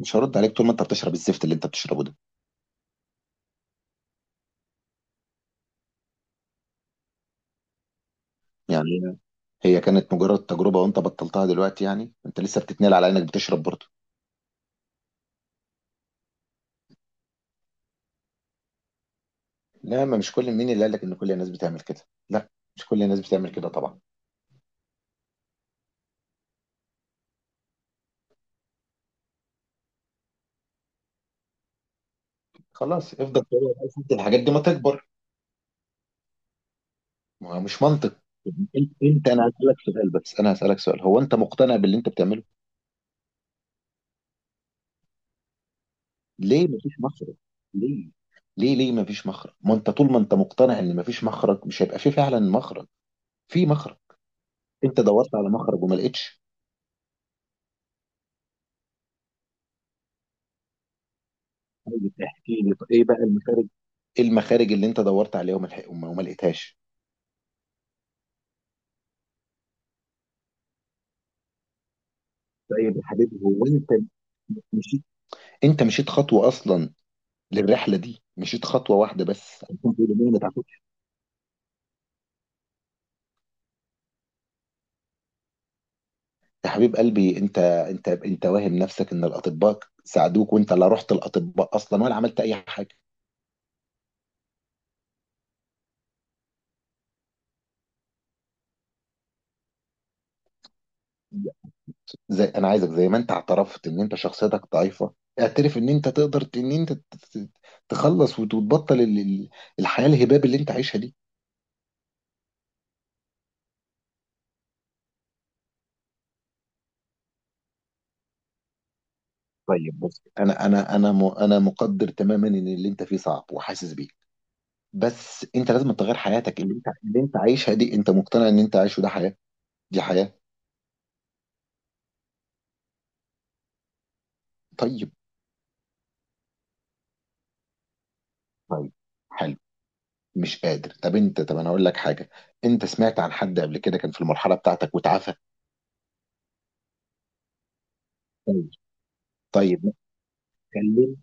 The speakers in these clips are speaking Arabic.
مش هرد عليك طول ما انت بتشرب الزفت اللي انت بتشربه ده. يعني هي كانت مجرد تجربة وانت بطلتها دلوقتي، يعني انت لسه بتتنال على انك بتشرب برضه. لا، ما مش كل مين اللي قال لك ان كل الناس بتعمل كده. لا، مش كل الناس بتعمل كده طبعا. خلاص، افضل تقول لك انت الحاجات دي ما تكبر. ما هو مش منطق. انت انا هسألك سؤال، بس انا هسألك سؤال، هو انت مقتنع باللي انت بتعمله؟ ليه مفيش مخرج؟ ليه ليه مفيش مخرج؟ ما انت طول ما انت مقتنع ان مفيش مخرج، مش هيبقى في فعلا مخرج. في مخرج. انت دورت على مخرج وما لقيتش. طيب احكي لي، طيب ايه بقى المخارج؟ ايه المخارج اللي انت دورت عليها وما ما لقيتهاش؟ طيب يا حبيبي، هو انت مشيت، انت مشيت خطوه اصلا؟ للرحله دي مشيت خطوه واحده بس عشان تقول لي ما تعرفش. يا حبيب قلبي انت واهم نفسك ان الاطباء ساعدوك، وانت لا رحت الاطباء اصلا ولا عملت اي حاجه. زي انا عايزك زي ما انت اعترفت ان انت شخصيتك ضعيفه، اعترف ان انت تقدر ان انت ت- تخلص وتبطل الحياه الهباب اللي انت عايشها دي. طيب بص، انا مقدر تماما ان اللي انت فيه صعب وحاسس بيه. بس انت لازم تغير حياتك اللي انت عايشها دي. انت مقتنع ان انت عايشه، ده حياه؟ دي حياه. طيب. طيب. حلو. مش قادر؟ طب انا اقول لك حاجه، انت سمعت عن حد قبل كده كان في المرحله بتاعتك وتعافى؟ طيب. طيب. لا، خلينا،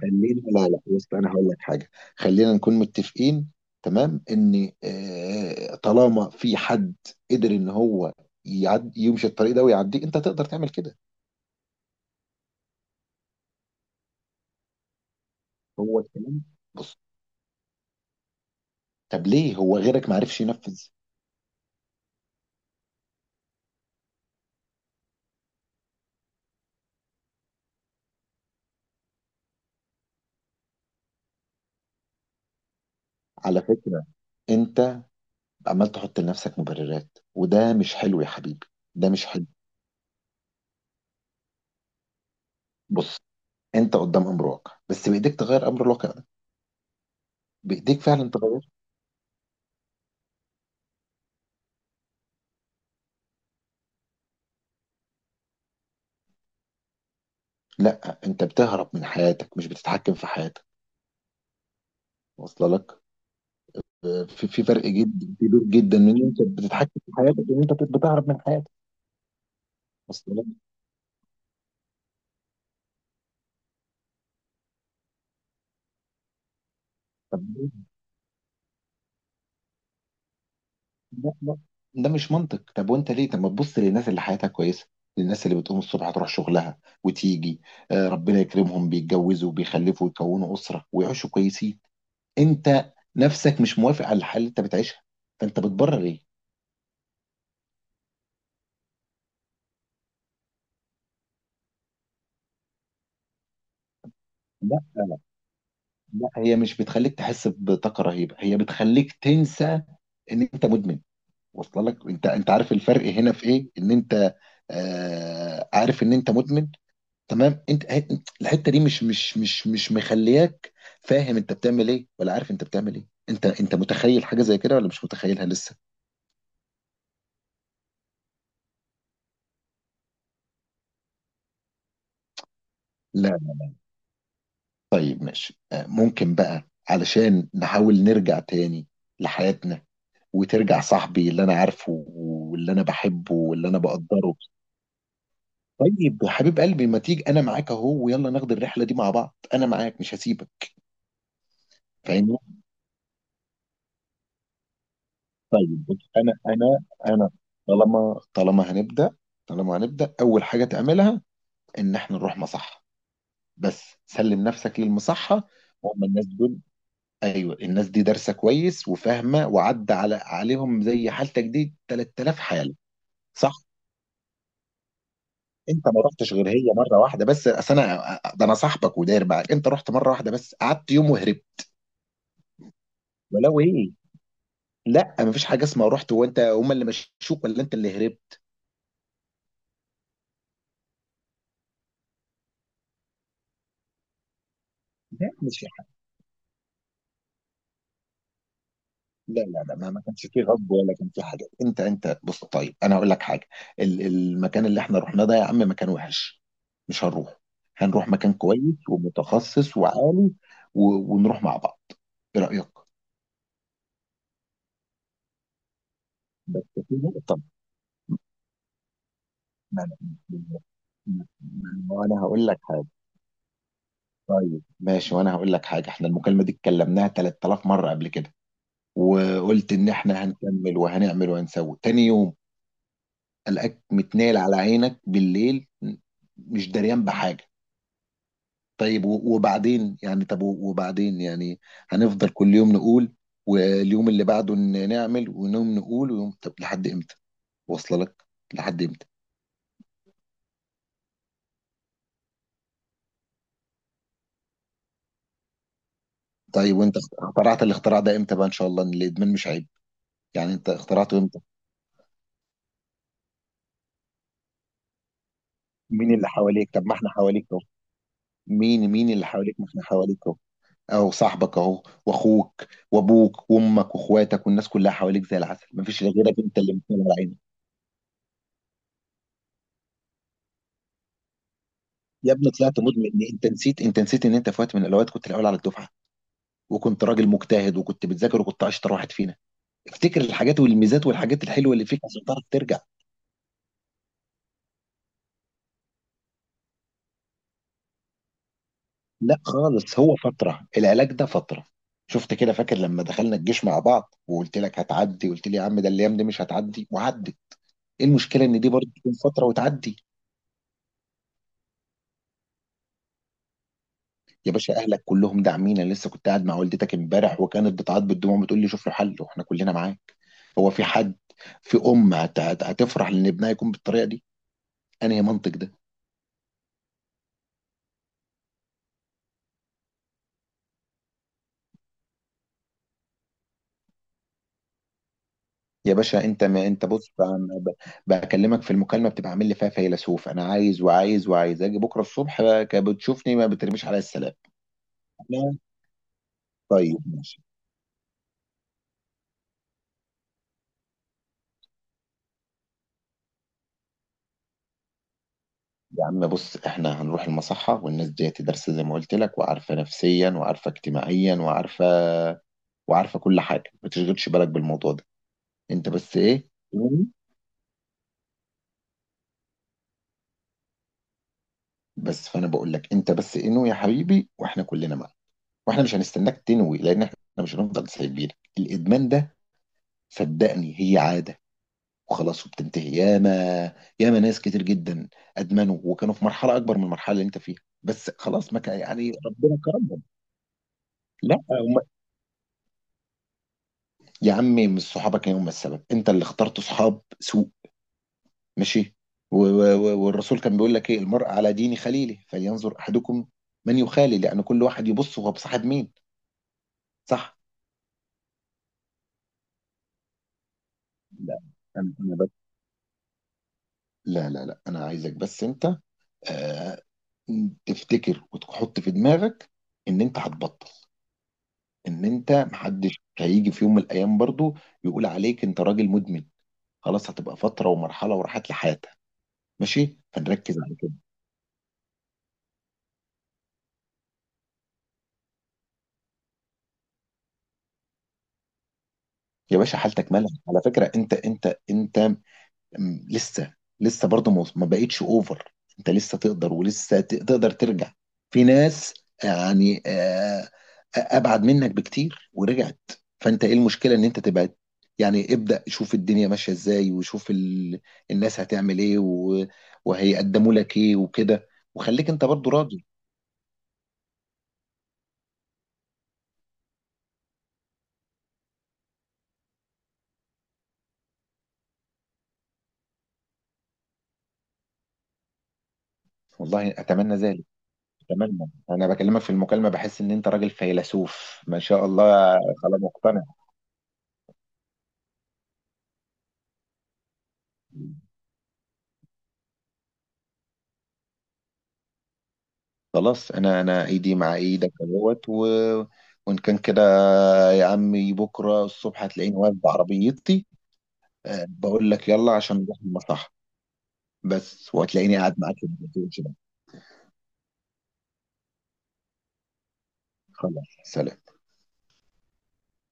لا لا، بص انا هقول لك حاجه. خلينا نكون متفقين تمام، ان طالما في حد قدر ان هو يعد يمشي الطريق ده ويعديه، انت تقدر تعمل كده. هو الكلام. بص. طب ليه هو غيرك ما عرفش ينفذ؟ على فكرة انت عمال تحط لنفسك مبررات، وده مش حلو يا حبيبي. ده مش حلو. بص، انت قدام امر واقع، بس بايديك تغير امر الواقع ده. بايديك فعلا تغير. لا انت بتهرب من حياتك، مش بتتحكم في حياتك. واصله لك؟ في فرق جدا كبير جدا من ان انت بتتحكم في حياتك وان انت بتهرب من حياتك. واصله لك؟ طب، ده ده مش منطق. طب وانت ليه؟ طب ما تبص للناس اللي حياتها كويسه، للناس اللي بتقوم الصبح تروح شغلها وتيجي، ربنا يكرمهم، بيتجوزوا وبيخلفوا ويكونوا اسره ويعيشوا كويسين. انت نفسك مش موافق على الحال اللي انت بتعيشها، فانت بتبرر ايه؟ لا. لا، هي مش بتخليك تحس بطاقه رهيبه، هي بتخليك تنسى ان انت مدمن. واصل لك؟ انت عارف الفرق هنا في ايه، ان انت عارف ان انت مدمن. تمام. الحته دي مش مخلياك فاهم انت بتعمل ايه ولا عارف انت بتعمل ايه. انت متخيل حاجه زي كده ولا مش متخيلها لسه؟ لا. طيب ماشي. ممكن بقى علشان نحاول نرجع تاني لحياتنا، وترجع صاحبي اللي انا عارفه واللي انا بحبه واللي انا بقدره. طيب يا حبيب قلبي، ما تيجي انا معاك اهو ويلا ناخد الرحله دي مع بعض، انا معاك مش هسيبك. فاهمني؟ طيب بص، انا انا انا طالما، هنبدا، طالما هنبدا، اول حاجه تعملها ان احنا نروح مصحة. بس سلم نفسك للمصحة وهم الناس دول. ايوه الناس دي دارسة كويس وفاهمة، وعدى عليهم زي حالتك دي 3000 حالة. صح. انت ما رحتش غير هي مرة واحدة بس، اصل انا ده انا صاحبك وداير معاك، انت رحت مرة واحدة بس قعدت يوم وهربت. ولو ايه؟ لا، مفيش حاجة اسمها رحت وانت هم اللي مشوك، ولا انت اللي هربت. لا مش لا لا لا، ما كانش فيه غصب ولا كان فيه حاجه. انت، انت بص طيب انا هقول لك حاجه. المكان اللي احنا رحناه ده يا عم مكان وحش. مش هنروح، هنروح مكان كويس ومتخصص وعالي. و... ونروح مع بعض، ايه رايك؟ بس في نقطه. ما انا ما أنا- ما أنا هقول لك حاجه. طيب ماشي، وانا هقول لك حاجه، احنا المكالمه دي اتكلمناها 3000 مره قبل كده، وقلت ان احنا هنكمل وهنعمل وهنسوي تاني يوم. قلقك متنايل على عينك بالليل، مش دريان بحاجه. طيب وبعدين يعني؟ وبعدين يعني؟ هنفضل كل يوم نقول، واليوم اللي بعده نعمل، ونوم نقول، ويوم، طب لحد امتى؟ واصله لك؟ لحد امتى؟ طيب وانت اخترعت الاختراع ده امتى بقى ان شاء الله، ان الادمان مش عيب؟ يعني انت اخترعته امتى؟ مين اللي حواليك؟ طب ما احنا حواليك اهو. مين اللي حواليك؟ ما احنا حواليك اهو. اهو صاحبك اهو واخوك وابوك وامك واخواتك، والناس كلها حواليك زي العسل، ما فيش غيرك انت اللي مكمل على عينك. يا ابني طلعت مدمن! انت نسيت ان انت في وقت من الاوقات كنت الاول على الدفعه، وكنت راجل مجتهد، وكنت بتذاكر، وكنت اشطر واحد فينا. افتكر الحاجات والميزات والحاجات الحلوه اللي فيك عشان تعرف ترجع. لا خالص، هو فتره العلاج ده فتره. شفت كده؟ فاكر لما دخلنا الجيش مع بعض وقلت لك هتعدي، قلت لي يا عم ده الايام دي مش هتعدي، وعدت. ايه المشكله ان دي برضه تكون فتره وتعدي؟ يا باشا اهلك كلهم داعمين، انا لسه كنت قاعد مع والدتك امبارح، وكانت بتعيط بالدموع بتقول لي شوف له حل واحنا كلنا معاك. هو في حد، في ام هتفرح لان ابنها يكون بالطريقه دي؟ انهي منطق ده؟ يا باشا انت، ما انت بص ب- ب- بكلمك في المكالمه بتبقى عامل لي فيها فيلسوف، انا عايز وعايز وعايز، اجي بكره الصبح بقى بتشوفني ما بترميش عليا السلام. لا. طيب ماشي. يا عم بص احنا هنروح المصحة، والناس دي تدرس زي ما قلت لك، وعارفة نفسيا وعارفة اجتماعيا وعارفة، وعارفة كل حاجة. ما تشغلش بالك بالموضوع ده، انت بس ايه؟ انوي. بس فانا بقول لك انت بس انوي يا حبيبي، واحنا كلنا معاك، واحنا مش هنستناك تنوي، لان احنا مش هنفضل سايبينك الادمان ده. صدقني هي عادة وخلاص، وبتنتهي. ياما، ياما ناس كتير جدا ادمنوا، وكانوا في مرحله اكبر من المرحله اللي انت فيها، بس خلاص ما كان يعني، ربنا كرمهم. لا هم، يا عمي مش صحابك هم السبب، انت اللي اخترت صحاب سوء. ماشي. والرسول كان بيقول لك ايه؟ المرء على دين خليله، فلينظر احدكم من يخالي، لان كل واحد يبص هو بصاحب مين. صح. لا، أنا بس، لا لا لا، انا عايزك بس انت آه تفتكر وتحط في دماغك ان انت هتبطل، ان انت محدش هيجي في يوم من الايام برضو يقول عليك انت راجل مدمن. خلاص هتبقى فتره ومرحله وراحت لي حياتها، ماشي؟ فنركز على كده. يا باشا حالتك مالها، على فكره، انت انت انت لسه، لسه برضه ما بقتش اوفر. انت لسه تقدر، ولسه تقدر ترجع. في ناس يعني ابعد منك بكتير ورجعت. فانت ايه المشكله ان انت تبعد؟ يعني ابدأ شوف الدنيا ماشيه ازاي، وشوف ال... الناس هتعمل ايه، و... وهيقدموا لك ايه وكده، وخليك انت برضه راضي. والله اتمنى ذلك. اتمنى. انا بكلمك في المكالمه بحس ان انت راجل فيلسوف ما شاء الله. خلاص مقتنع. خلاص انا ايدي مع ايدك اهوت. و... وان كان كده يا عمي بكره الصبح هتلاقيني واقف بعربيتي. بقول لك يلا عشان نروح المصح، بس. وهتلاقيني قاعد معاك في البيت. خلاص. سلام.